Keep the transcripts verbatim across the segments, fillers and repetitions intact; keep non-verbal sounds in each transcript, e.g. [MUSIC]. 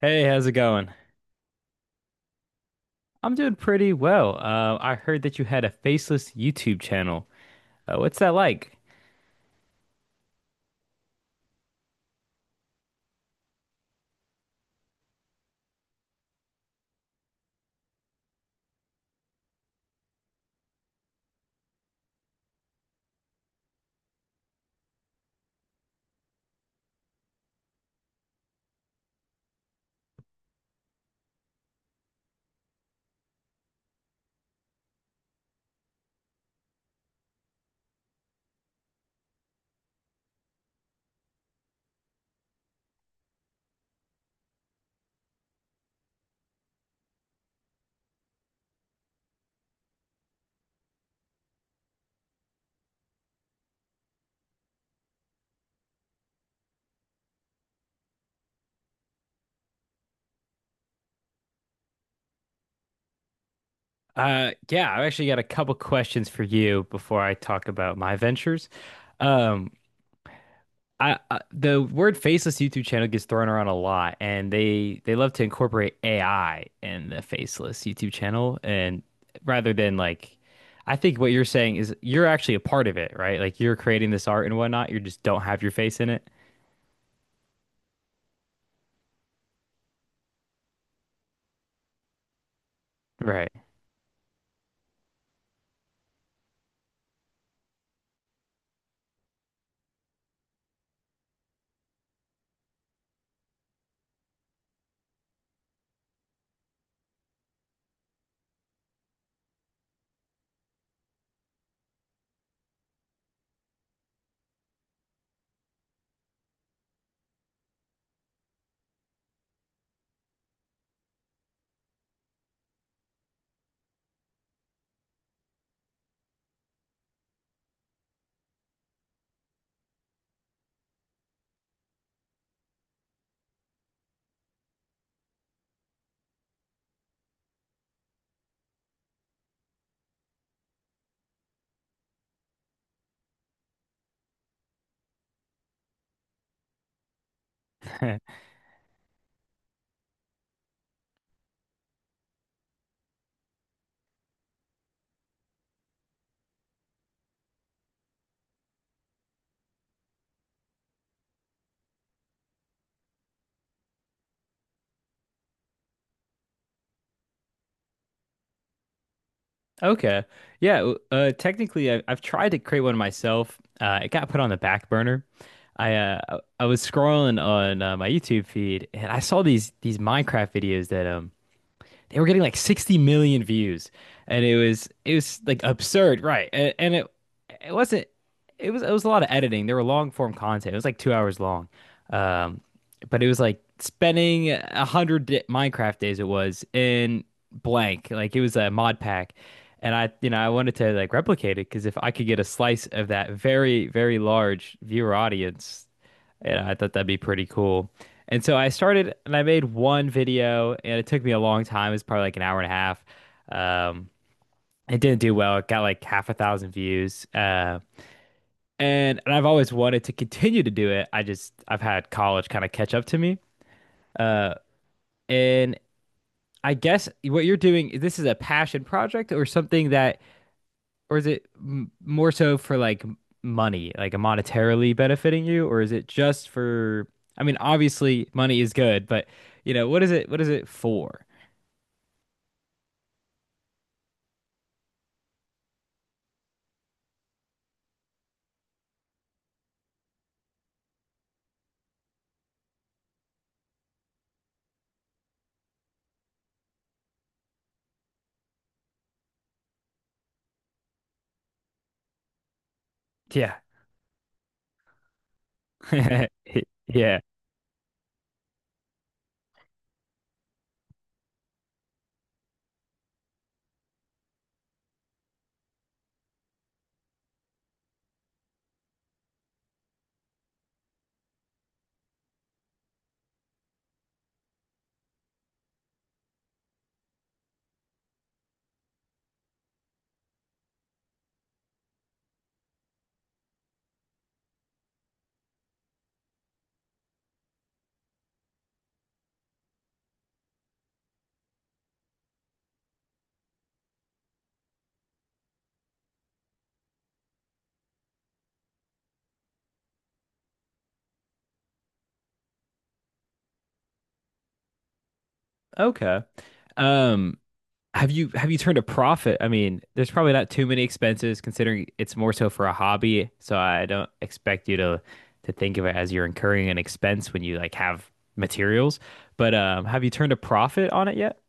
Hey, how's it going? I'm doing pretty well. Uh, I heard that you had a faceless YouTube channel. Uh, what's that like? Uh, yeah, I've actually got a couple questions for you before I talk about my ventures. Um, I, I the word faceless YouTube channel gets thrown around a lot, and they they love to incorporate A I in the faceless YouTube channel, and rather than like, I think what you're saying is you're actually a part of it, right? Like you're creating this art and whatnot. You just don't have your face in it, right? [LAUGHS] Okay. Yeah. Uh, technically, I, I've tried to create one myself. Uh, it got put on the back burner. I uh, I I was scrolling on uh, my YouTube feed and I saw these these Minecraft videos that um they were getting like sixty million views, and it was it was like absurd, right? And, and it it wasn't it was it was a lot of editing. There were long form content. It was like two hours long. um but it was like spending a hundred di- minecraft days. It was in blank, like it was a mod pack, and I you know I wanted to like replicate it, because if I could get a slice of that very very large viewer audience, and I thought that'd be pretty cool. And so I started and I made one video and it took me a long time. It was probably like an hour and a half. Um, it didn't do well. It got like half a thousand views. Uh, and, and I've always wanted to continue to do it. I just, I've had college kind of catch up to me. Uh, and I guess what you're doing, this is a passion project or something that, or is it m more so for like m- money, like monetarily benefiting you, or is it just for? I mean, obviously money is good, but you know, what is it? What is it for? Yeah, [LAUGHS] yeah. Okay. Um, have you have you turned a profit? I mean, there's probably not too many expenses considering it's more so for a hobby, so I don't expect you to to think of it as you're incurring an expense when you like have materials. But um, have you turned a profit on it yet?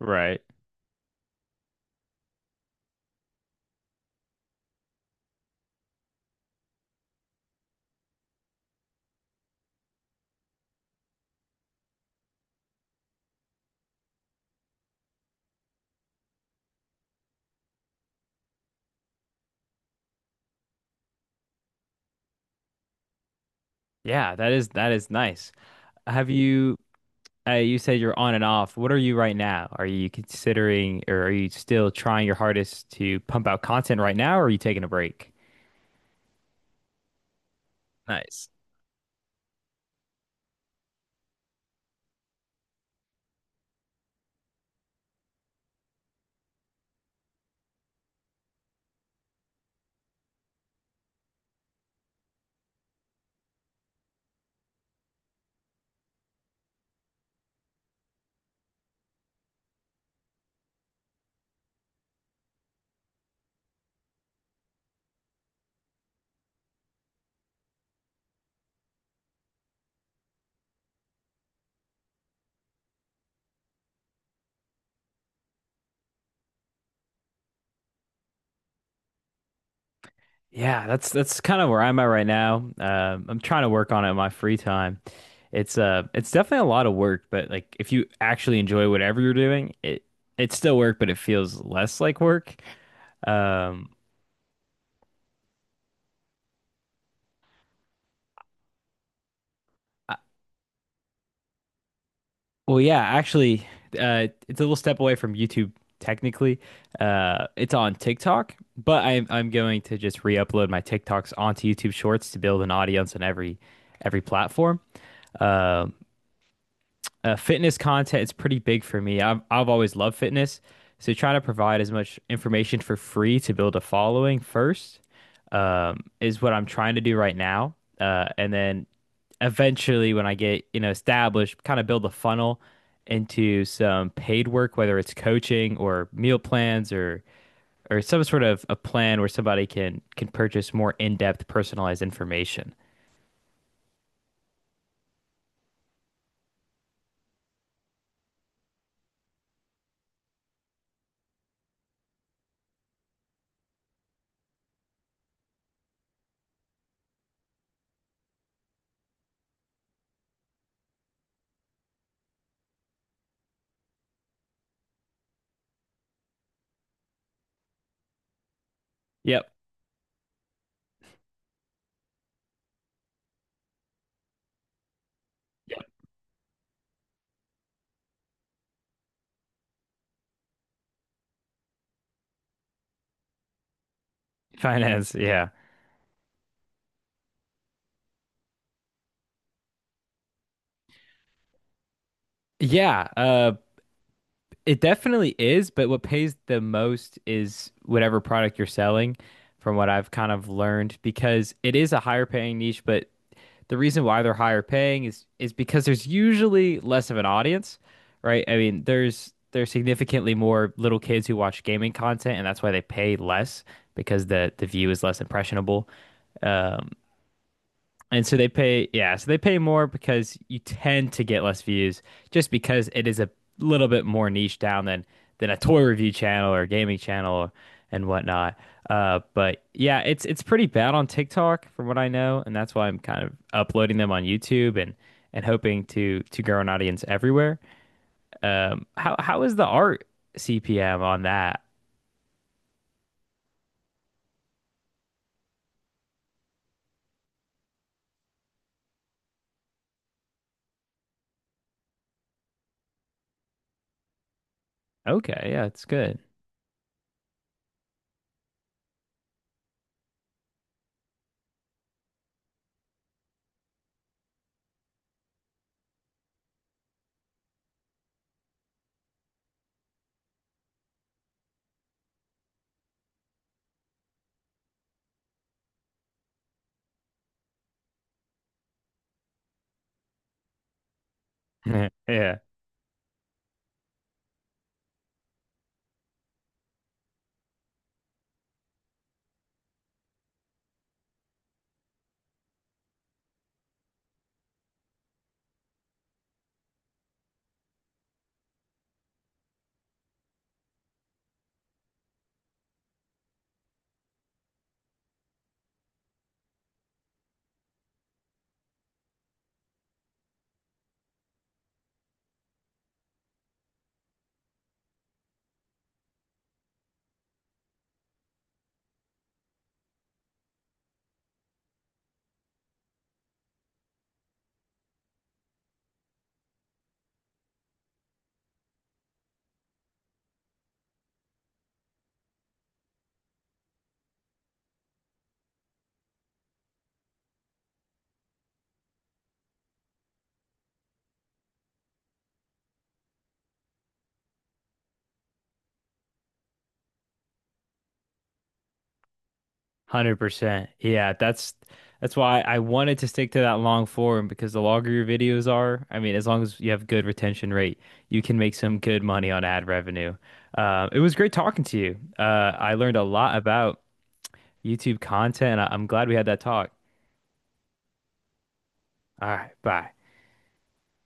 Right. Yeah, that is that is nice. Have you uh, you said you're on and off. What are you right now? Are you considering or are you still trying your hardest to pump out content right now, or are you taking a break? Nice. Yeah, that's that's kind of where I'm at right now. Um, I'm trying to work on it in my free time. It's uh it's definitely a lot of work, but like if you actually enjoy whatever you're doing, it it's still work, but it feels less like work. Um, Well, yeah, actually, uh, it's a little step away from YouTube technically. Uh, it's on TikTok, but I'm I'm going to just re-upload my TikToks onto YouTube Shorts to build an audience on every every platform. Um uh, fitness content is pretty big for me. I've I've always loved fitness, so trying to provide as much information for free to build a following first um, is what I'm trying to do right now. Uh, and then eventually, when I get you know established, kind of build a funnel into some paid work, whether it's coaching or meal plans or or some sort of a plan where somebody can can purchase more in-depth personalized information. Yep. Yep. Finance, yeah. Yeah, Uh. It definitely is, but what pays the most is whatever product you're selling, from what I've kind of learned, because it is a higher paying niche, but the reason why they're higher paying is is because there's usually less of an audience, right? I mean, there's there's significantly more little kids who watch gaming content, and that's why they pay less because the the view is less impressionable. Um, and so they pay, yeah, so they pay more because you tend to get less views just because it is a little bit more niche down than than a toy review channel or a gaming channel and whatnot. Uh, but yeah, it's it's pretty bad on TikTok from what I know, and that's why I'm kind of uploading them on YouTube and and hoping to to grow an audience everywhere. Um, how how is the art C P M on that? Okay, yeah, it's good. [LAUGHS] Yeah. one hundred percent. Yeah, that's that's why I wanted to stick to that long form, because the longer your videos are, I mean, as long as you have good retention rate, you can make some good money on ad revenue. Uh, it was great talking to you. Uh, I learned a lot about YouTube content. I I'm glad we had that talk. All right, bye.